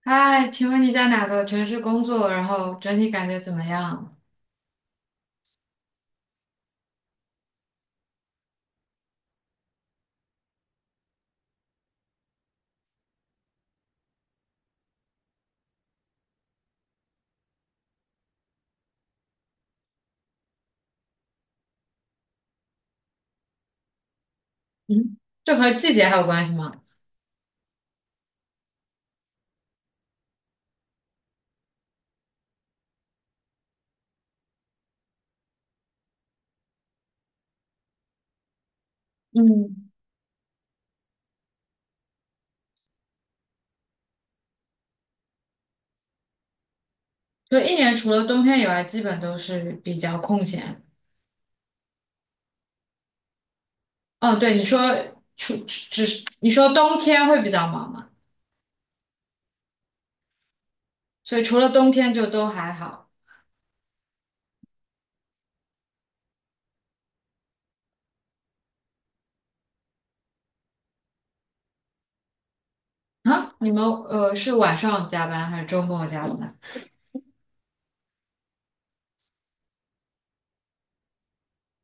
嗨，请问你在哪个城市工作？然后整体感觉怎么样？嗯，这和季节还有关系吗？嗯，就一年除了冬天以外，基本都是比较空闲。哦，对，你说除只是你说冬天会比较忙嘛，所以除了冬天就都还好。啊，你们是晚上加班还是周末加班？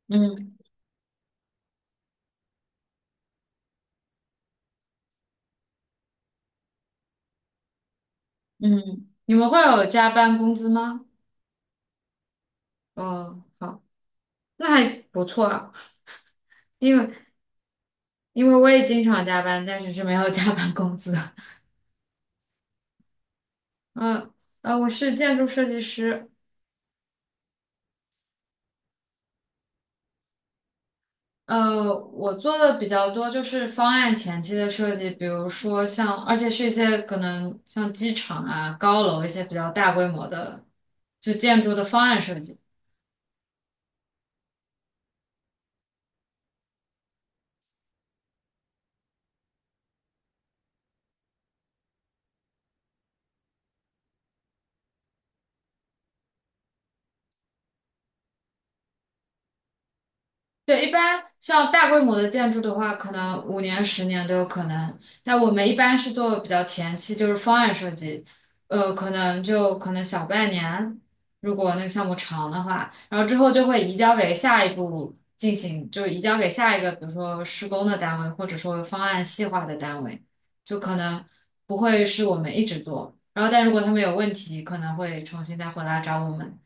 嗯嗯，你们会有加班工资吗？哦，好，那还不错啊，因为因为我也经常加班，但是是没有加班工资。嗯，我是建筑设计师，我做的比较多就是方案前期的设计，比如说像，而且是一些可能像机场啊、高楼一些比较大规模的，就建筑的方案设计。对，一般像大规模的建筑的话，可能5年、10年都有可能。但我们一般是做比较前期，就是方案设计，可能小半年，如果那个项目长的话，然后之后就会移交给下一步进行，就移交给下一个，比如说施工的单位，或者说方案细化的单位，就可能不会是我们一直做。然后，但如果他们有问题，可能会重新再回来找我们。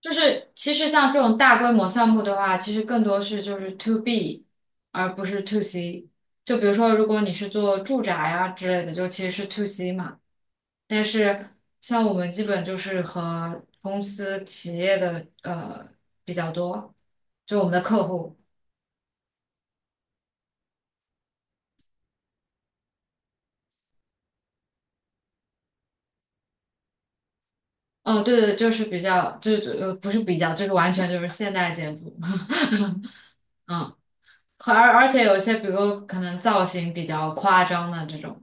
就是其实像这种大规模项目的话，其实更多是就是 to B，而不是 to C。就比如说，如果你是做住宅呀之类的，就其实是 to C 嘛。但是像我们基本就是和公司、企业的比较多，就我们的客户。嗯，对对，就是比较，就是不是比较，就是完全就是现代建筑，嗯，而且有一些，比如可能造型比较夸张的这种。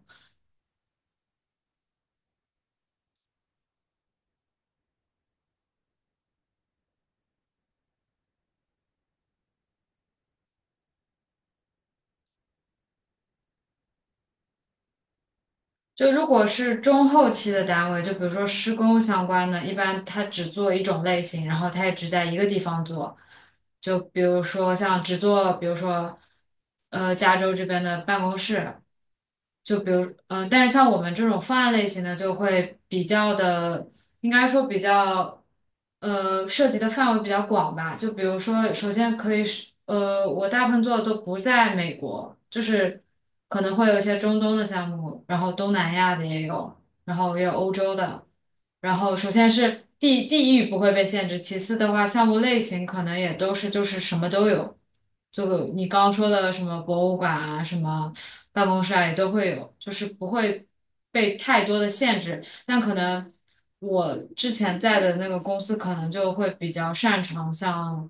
就如果是中后期的单位，就比如说施工相关的，一般他只做一种类型，然后他也只在一个地方做。就比如说像只做，比如说加州这边的办公室，就比如，但是像我们这种方案类型的，就会比较的，应该说比较，涉及的范围比较广吧。就比如说，首先可以是，我大部分做的都不在美国，就是可能会有一些中东的项目，然后东南亚的也有，然后也有欧洲的。然后首先是地域不会被限制，其次的话，项目类型可能也都是就是什么都有，就你刚刚说的什么博物馆啊，什么。办公室啊，也都会有，就是不会被太多的限制。但可能我之前在的那个公司，可能就会比较擅长像，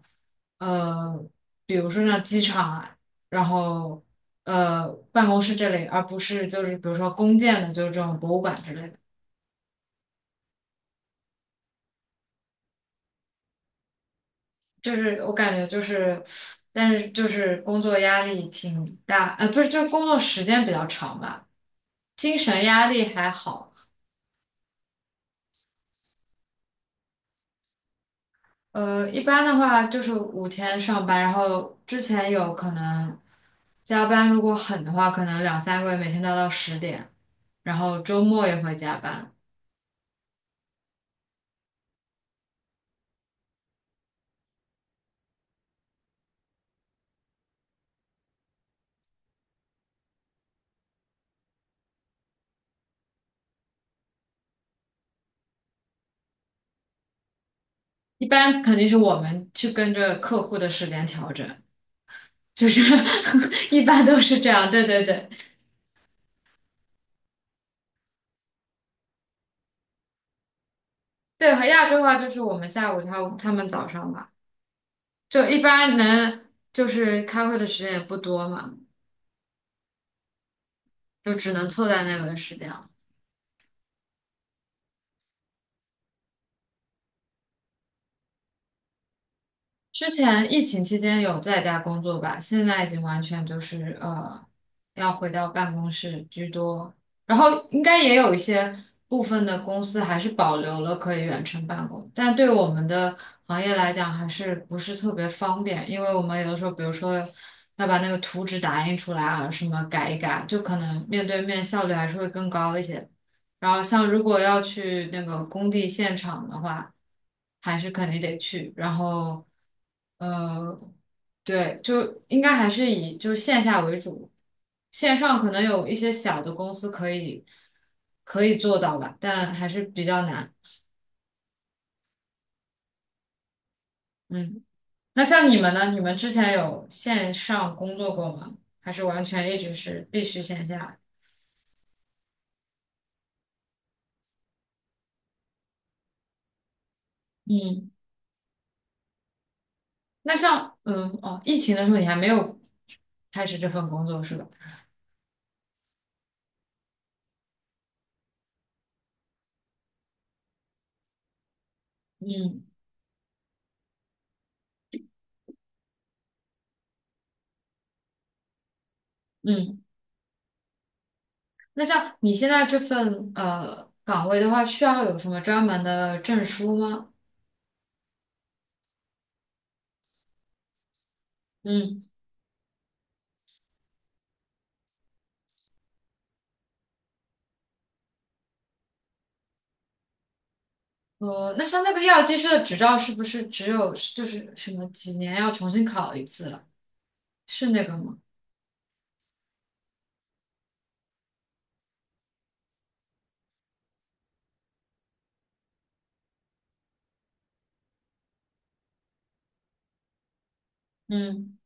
呃，比如说像机场啊，然后办公室这类，而不是就是比如说公建的，就是这种博物馆之类的。就是我感觉就是，但是就是工作压力挺大，不是，就是工作时间比较长吧，精神压力还好。一般的话就是5天上班，然后之前有可能加班，如果狠的话，可能2、3个月每天都要到10点，然后周末也会加班。一般肯定是我们去跟着客户的时间调整，就是 一般都是这样。对对对对，和亚洲的话就是我们下午，他们早上吧，就一般能就是开会的时间也不多嘛，就只能凑在那个时间了。之前疫情期间有在家工作吧，现在已经完全就是要回到办公室居多。然后应该也有一些部分的公司还是保留了可以远程办公，但对我们的行业来讲还是不是特别方便，因为我们有的时候，比如说要把那个图纸打印出来啊，什么改一改，就可能面对面效率还是会更高一些。然后像如果要去那个工地现场的话，还是肯定得去。然后，呃，对，就应该还是以就是线下为主，线上可能有一些小的公司可以做到吧，但还是比较难。嗯，那像你们呢？你们之前有线上工作过吗？还是完全一直是必须线下？嗯，那像疫情的时候你还没有开始这份工作是吧？嗯。嗯，那像你现在这份岗位的话，需要有什么专门的证书吗？嗯，哦，那像那个药剂师的执照是不是只有就是什么几年要重新考一次了？是那个吗？嗯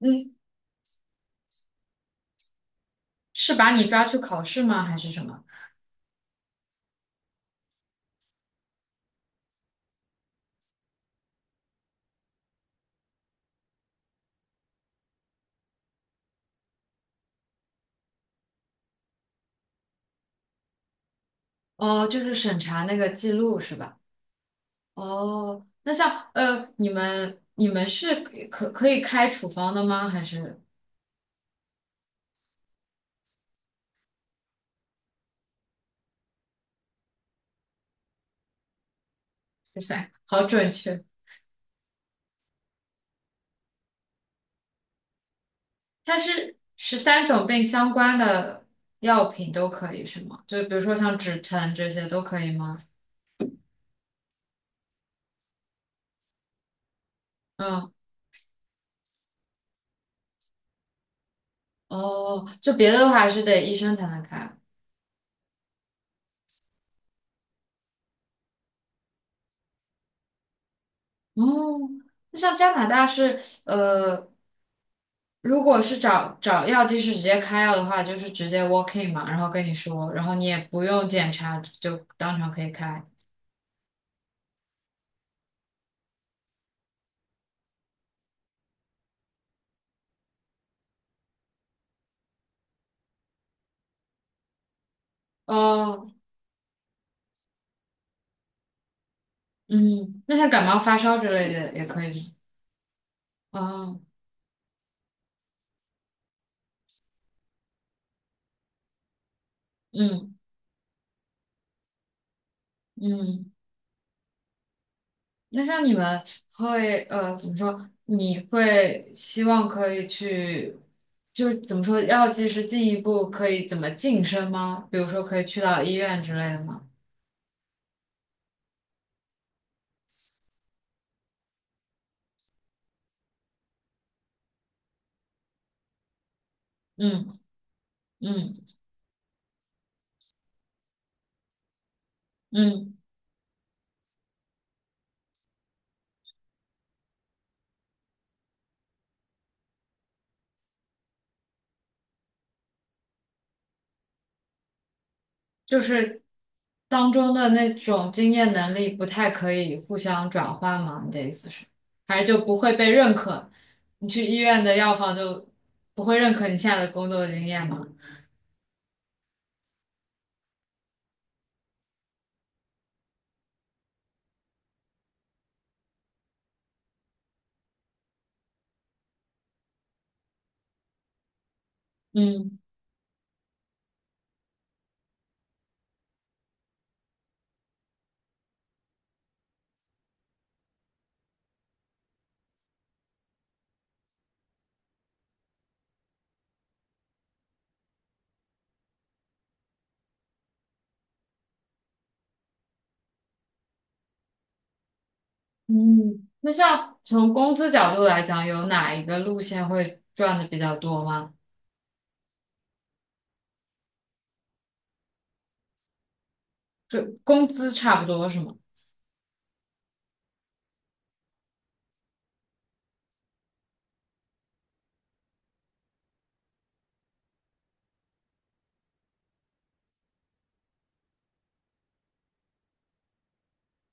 嗯，是把你抓去考试吗？还是什么？哦，就是审查那个记录是吧？哦，那像你们是可以开处方的吗？还是哇塞 好准确。它是13种病相关的药品都可以是吗？就比如说像止疼这些都可以吗？嗯，哦，就别的的话还是得医生才能开。哦，那像加拿大是呃，如果是找找药剂师直接开药的话，就是直接 walk in 嘛，然后跟你说，然后你也不用检查，就当场可以开。哦，嗯，那像感冒发烧之类的也可以吗？哦，嗯嗯。那像你们会怎么说？你会希望可以去，就是怎么说，药剂师进一步可以怎么晋升吗？比如说可以去到医院之类的吗？嗯嗯嗯，就是当中的那种经验能力不太可以互相转换吗？你的意思是，还是就不会被认可？你去医院的药房就不会认可你现在的工作经验吗？嗯。嗯，那像从工资角度来讲，有哪一个路线会赚的比较多吗？就工资差不多是吗？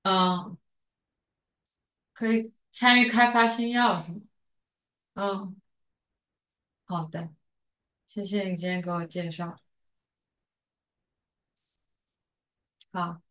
嗯，可以参与开发新药是吗？嗯，好的，谢谢你今天给我介绍。好。